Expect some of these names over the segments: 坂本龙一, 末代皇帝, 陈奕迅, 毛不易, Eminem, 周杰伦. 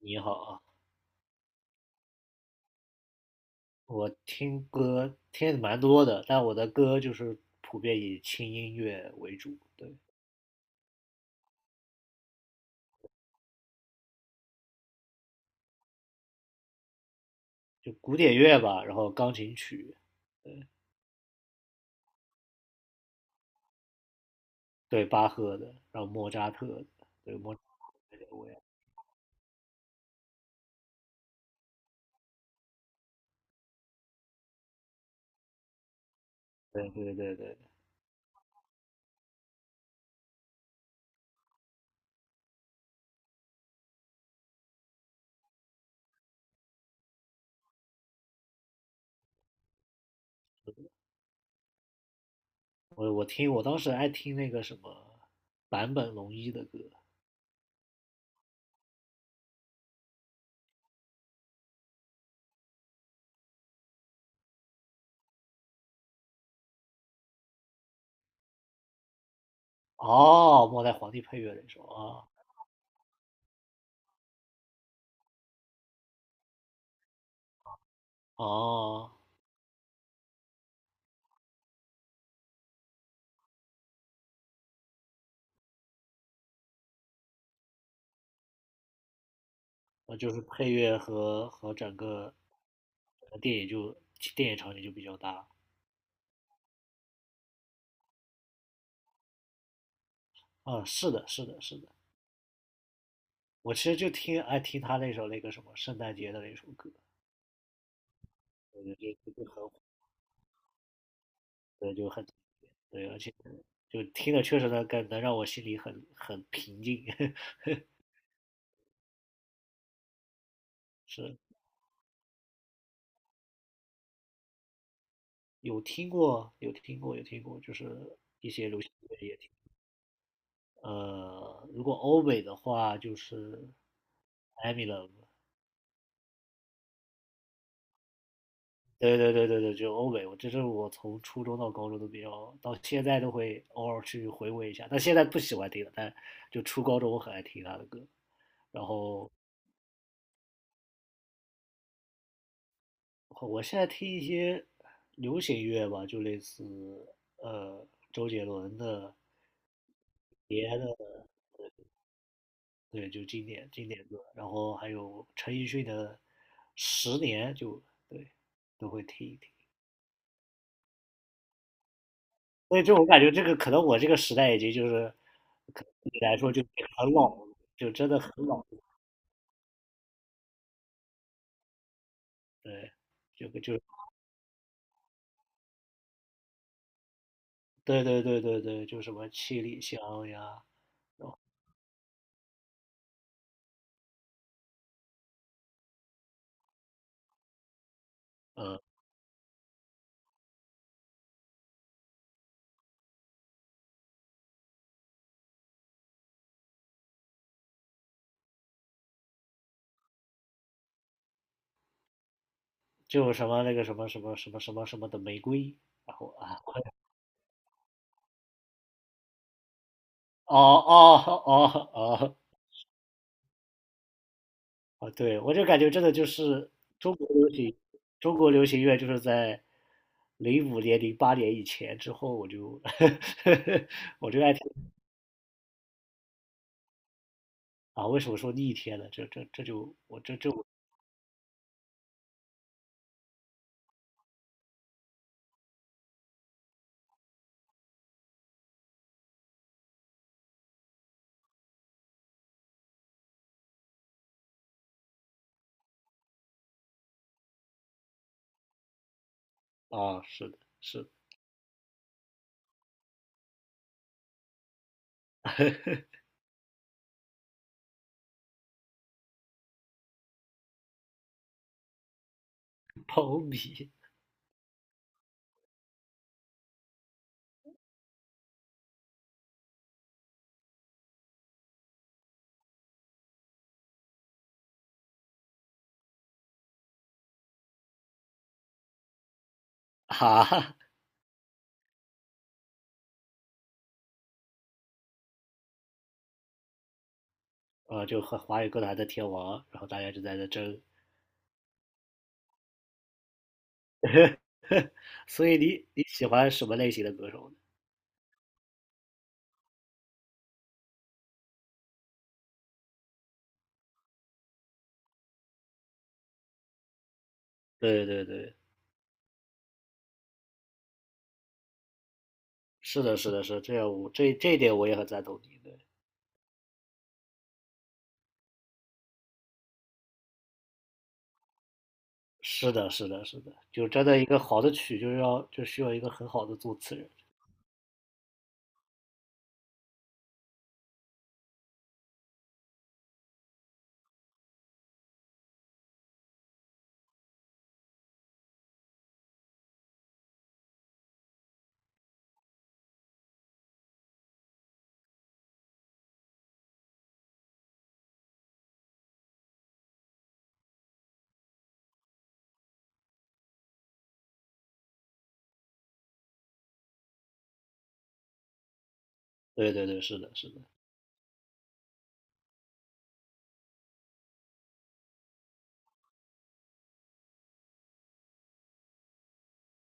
你好啊。我听歌听的蛮多的，但我的歌就是普遍以轻音乐为主，对，就古典乐吧，然后钢琴曲，对，巴赫的，然后莫扎特的，对，莫扎特的我也，对对对对，我当时爱听那个什么坂本龙一的歌，哦，末代皇帝配乐那首啊，哦，那就是配乐和整个整个电影就电影场景就比较搭，啊，是的，是的，是的。我其实就听爱听他那首那个什么圣诞节的那首歌，我觉得就很对，就很对，而且就听的确实能感能让我心里很平静。是有听过，有听过，有听过，就是一些流行音乐也听。如果欧美的话，就是 Eminem。对对对对对，就欧美，我这是我从初中到高中都比较，到现在都会偶尔去回味一下。但现在不喜欢听了，但就初高中我很爱听他的歌。然后我现在听一些流行乐吧，就类似呃周杰伦的、别的，对，就经典经典歌，然后还有陈奕迅的《十年》就，对，都会听一听。所以这我感觉这个可能我这个时代已经就是，可能对你来说就很老，就真的很老，对，就对对对对对，就什么七里香呀，呃，就什么那个什么什么什么什么什么的玫瑰，然后啊。哦哦哦哦哦，对，我就感觉真的就是中国流行，中国流行乐就是在05年、08年以前之后，我就 我就爱听啊。为什么说逆天呢？这就我这我啊，是的，是的，苞米啊，就和华语歌坛的天王，然后大家就在那争。所以你喜欢什么类型的歌手呢？对对对，是的，是的，是的这样我这一点我也很赞同你。是的，是的，是的，就真的一个好的曲，就是要就需要一个很好的作词人。对对对，是的，是的，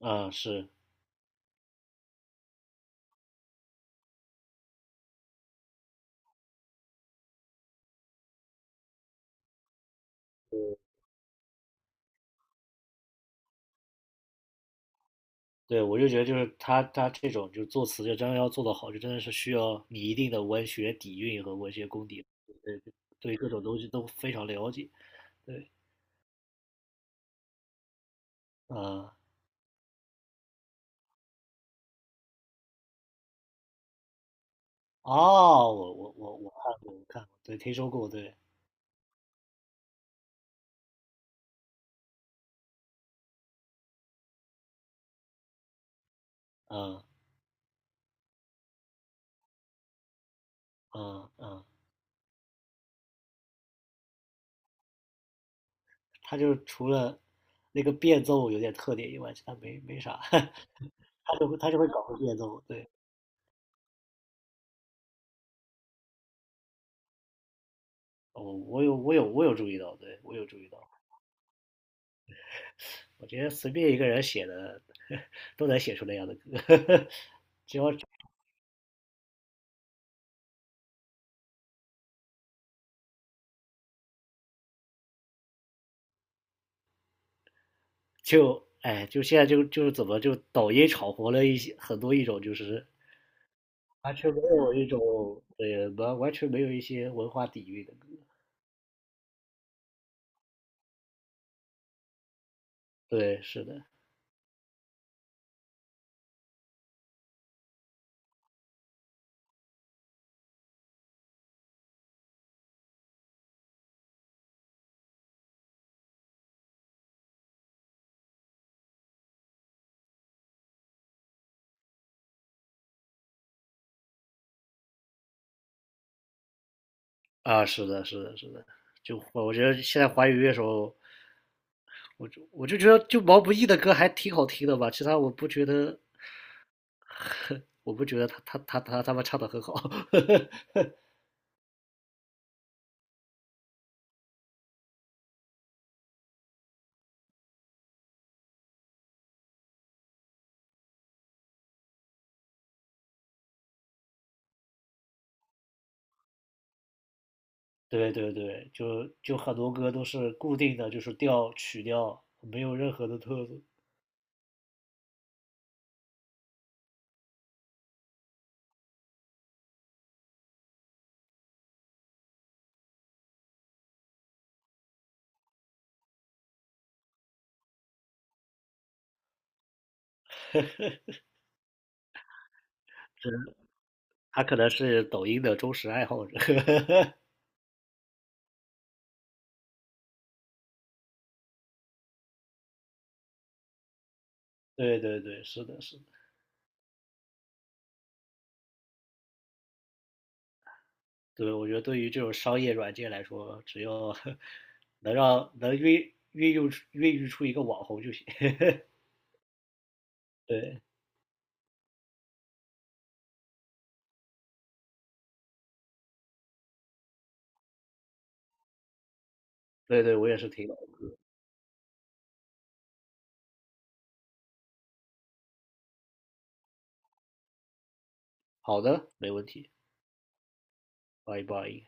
嗯，是，对，我就觉得就是他这种就是作词，就真的要做得好，就真的是需要你一定的文学底蕴和文学功底，对对各种东西都非常了解。对，嗯，哦，我看过，我看过，对，听说过，对，嗯嗯嗯他就是除了那个变奏有点特点以外，其他没没啥，他就会他就会搞个变奏，对。哦，我有我有我有注意到，对，我有注意到。我觉得随便一个人写的 都能写出那样的歌，就哎，就现在就是怎么就抖音炒活了一些很多一种就是完全没有一种对完完全没有一些文化底蕴的歌，对，是的啊，是的，是的，是的，就我觉得现在华语乐手，我就觉得就毛不易的歌还挺好听的吧，其他我不觉得，我不觉得他们唱的很好，对对对，就就很多歌都是固定的，就是调曲调，没有任何的特色。是，他可能是抖音的忠实爱好者。对对对，是的，是的。对，我觉得对于这种商业软件来说，只要 能让能运孕育出孕育出一个网红就行。对对对，我也是挺懂的好的，没问题，欢迎欢迎。